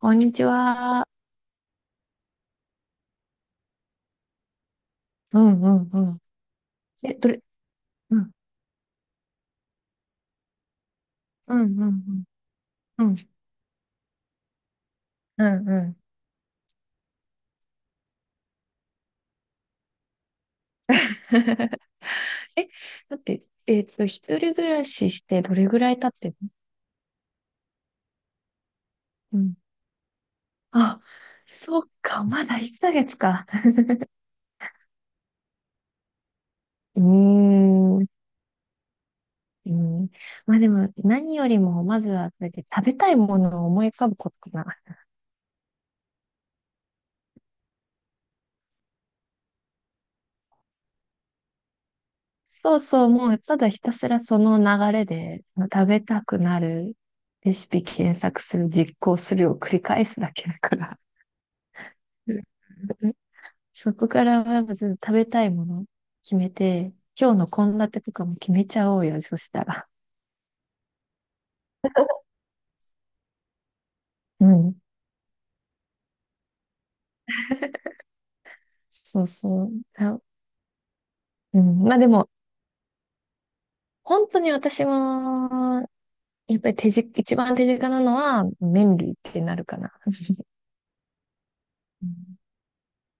こんにちは。うんうんうん。え、どれ、うん、うんうんうん。うん、うんうん。え、だって、一人暮らししてどれぐらい経ってるの？うん。あ、そっか、まだ1ヶ月か。うーん。うん。まあでも、何よりも、まずは、だって食べたいものを思い浮かぶことかな。そうそう、もう、ただひたすらその流れで、食べたくなるレシピ検索する、実行するを繰り返すだけだから。うんうん、そこからはまず食べたいもの決めて、今日の献立とかも決めちゃおうよ、そしたら。うん。そうそう。あ、うん。まあでも、本当に私も、やっぱり手近、一番手近なのは麺類ってなるかな。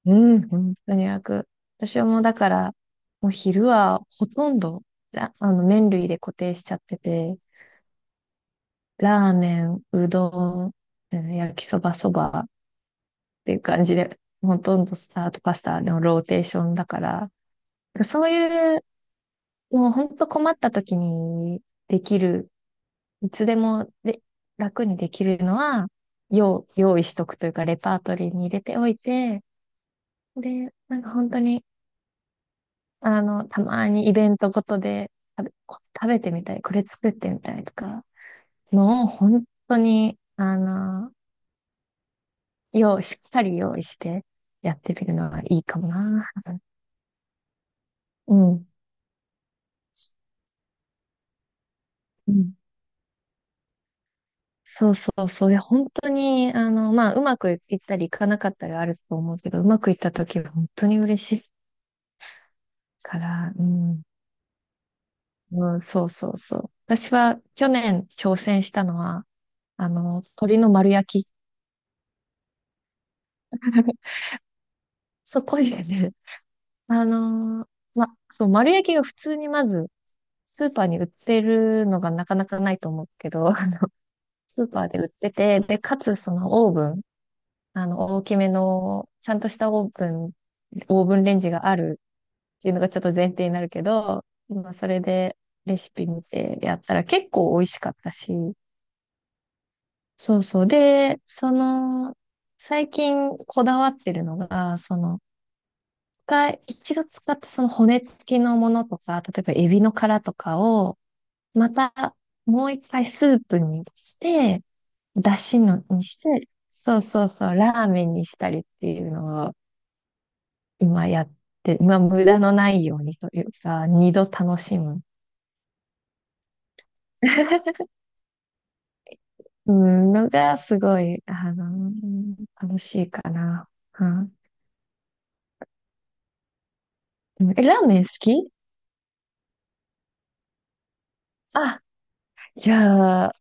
うん、うん本当に楽。私はもうだから、もう昼はほとんど、ら麺類で固定しちゃってて、ラーメン、うどん、うん焼きそば、そば、っていう感じで、ほとんどスタートパスタのローテーションだから、そういう、もう本当困った時にできる、いつでもで楽にできるのは、用、用意しとくというか、レパートリーに入れておいて、で、なんか本当に、たまにイベントごとで食べ、食べてみたい、これ作ってみたいとか、もう本当に、用、しっかり用意してやってみるのはいいかもな。うん。うんそうそうそう。いや、本当に、まあ、うまくいったりいかなかったりあると思うけど、うまくいった時は本当に嬉しいから、うん。うん、そうそうそう。私は去年挑戦したのは、鶏の丸焼き。そこでね、あの、ま、そう、丸焼きが普通にまず、スーパーに売ってるのがなかなかないと思うけど、スーパーで売ってて、で、かつそのオーブン、大きめの、ちゃんとしたオーブン、オーブンレンジがあるっていうのがちょっと前提になるけど、今それでレシピ見てやったら結構美味しかったし、そうそう。で、その、最近こだわってるのが、その、使い一度使ったその骨付きのものとか、例えばエビの殻とかを、またもう一回スープにして、だしのにして、そうそうそう、ラーメンにしたりっていうのを今やって、まあ無駄のないようにというか、二度楽しむ うん、のがすごい、楽しいかな。うん。うえ、ラーメン好き、あ、じゃあ、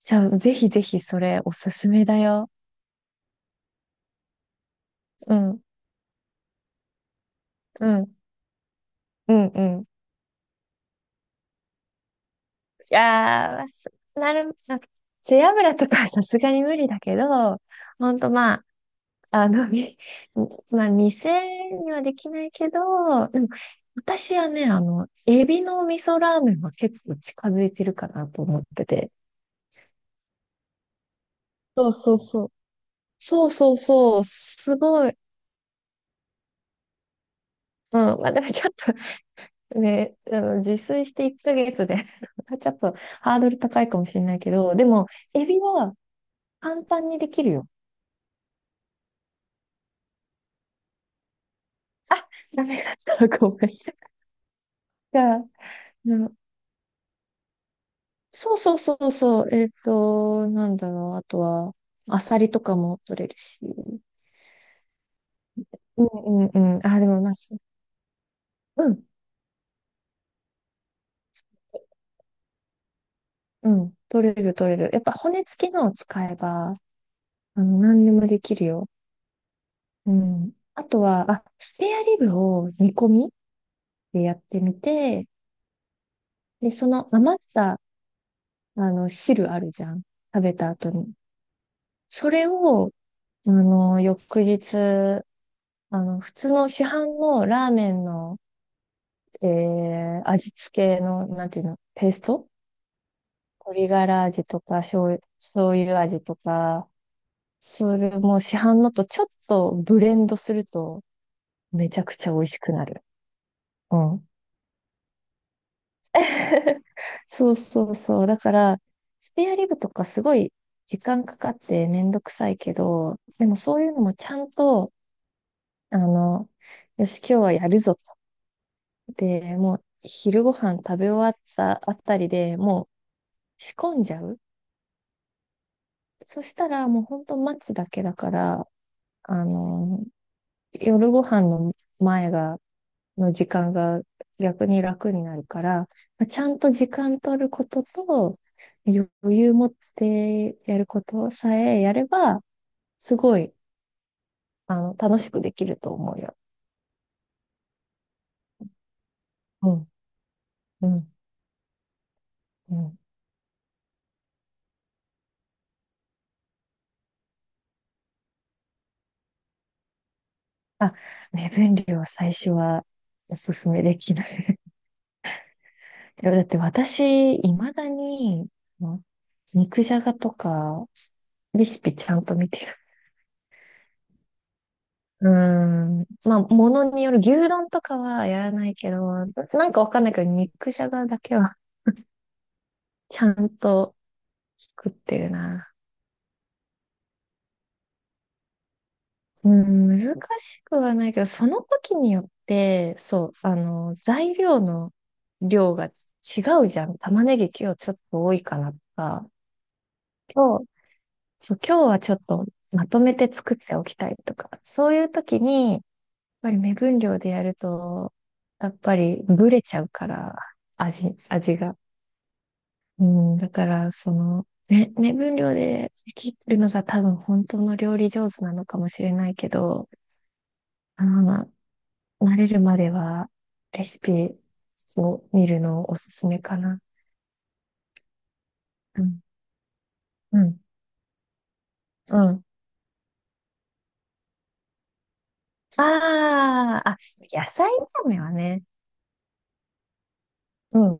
じゃあ、ぜひぜひそれおすすめだよ。うん、うん、うん、うん。いやー、すなる、なんか背脂とかはさすがに無理だけど、ほんとまあ、あの、み、まあ、店にはできないけど、でも、私はね、エビの味噌ラーメンは結構近づいてるかなと思ってて。そうそうそう。そうそうそう、すごい。うん、まあでもちょっとね、自炊して1ヶ月で ちょっとハードル高いかもしれないけど、でも、エビは簡単にできるよ。あ、ダメだった。ごめん。が、うんそうそうそうそう、なんだろう、あとは、アサリとかも取れるし。うんうんうん。あ、でもまあ、すうん、うん。取れる取れる。やっぱ骨付きのを使えば、何でもできるよ。うん。あとは、あ、スペアリブを煮込みでやってみて、で、その余った、汁あるじゃん。食べた後に。それを、翌日、普通の市販のラーメンの、味付けの、なんていうの、ペースト鶏ガラ味とか、醤油味とか、それも市販のとちょっとブレンドすると、めちゃくちゃ美味しくなる。うん。そうそうそう。だから、スペアリブとかすごい時間かかってめんどくさいけど、でもそういうのもちゃんと、あの、よし、今日はやるぞと。で、もう昼ご飯食べ終わったあたりでもう仕込んじゃう。そしたらもうほんと待つだけだから、あの、夜ご飯の前がの時間が逆に楽になるから、まあちゃんと時間取ることと、余裕持ってやることさえやれば、すごい、楽しくできると思うよ。うん、うん、うん。あ、目分量は最初はおすすめできない。いやだって私、未だに、あの肉じゃがとか、レシピちゃんと見て、うーん。まあ、ものによる、牛丼とかはやらないけど、な、なんかわかんないけど、肉じゃがだけは ちゃんと作ってるな。うん、難しくはないけど、その時によって、そう、材料の量が違うじゃん。玉ねぎ今日ちょっと多いかなとか、今日、そう、今日はちょっとまとめて作っておきたいとか、そういう時に、やっぱり目分量でやると、やっぱりブレちゃうから、味が。うん、だから、その、ね、目分量で切るのが多分本当の料理上手なのかもしれないけど、あの、な、慣れるまではレシピを見るのおすすめかな。うん、うん、うん。ああ、あ、野菜炒めはね。うん、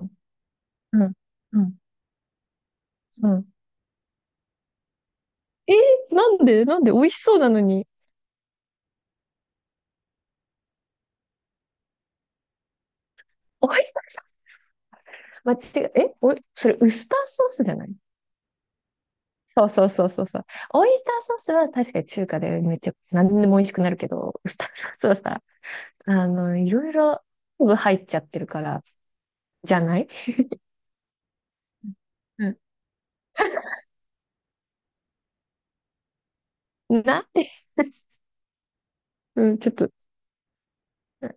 うん、うん、うん。えー、なんでなんで美味しそうなのに。美味しそう。間違え、え、おい、それウスターソースじゃない？そうそうそうそうそう。オイスターソースは確かに中華でめっちゃ何でも美味しくなるけど、ウスターソースはさ、いろいろ昆布入っちゃってるから、じゃない？うん。な、うん、ちょっと。うん、い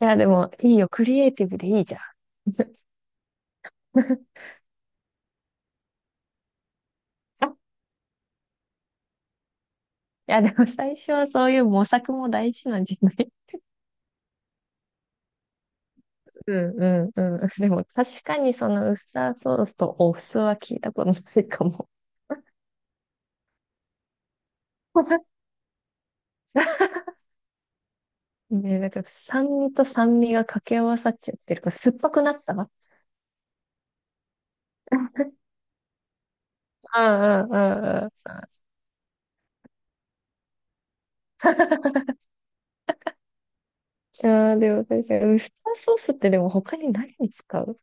や、でもいいよ。クリエイティブでいいじゃん。あ、いや、でも最初はそういう模索も大事なんじゃない？ うんうんうん。でも確かにそのウスターソースとお酢は聞いたことないかも。ね、なんか酸味と酸味が掛け合わさっちゃってるから、酸っぱくなった、ああ、ああ、ああ。ああ、でも確かに、ウスターソースってでも他に何に使う？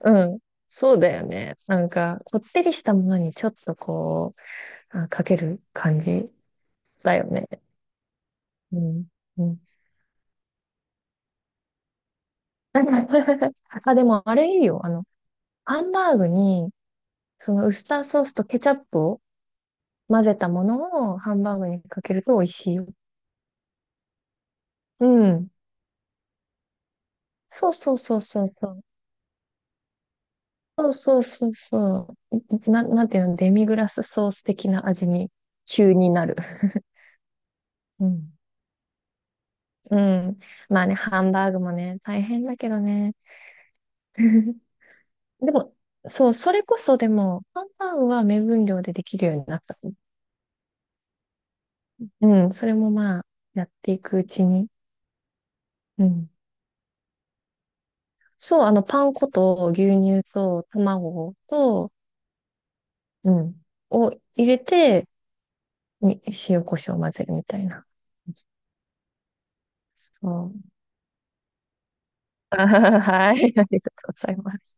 うん。そうだよね。なんか、こってりしたものにちょっとこう、あ、かける感じだよね。うん。うん。あ、でもあれいいよ。ハンバーグに、そのウスターソースとケチャップを混ぜたものをハンバーグにかけると美味しいよ。うん。そうそうそうそうそう。そうそうそうそう。な、なんていうの、デミグラスソース的な味に急になる。うん。うん。まあね、ハンバーグもね、大変だけどね。でも、そう、それこそでも、ハンバーグは目分量でできるようになった。うん、それもまあ、やっていくうちに。うん。そう、パン粉と牛乳と卵と、うん、を入れて、に塩コショウを混ぜるみたいな。そう。あーはい、ありがとうございます。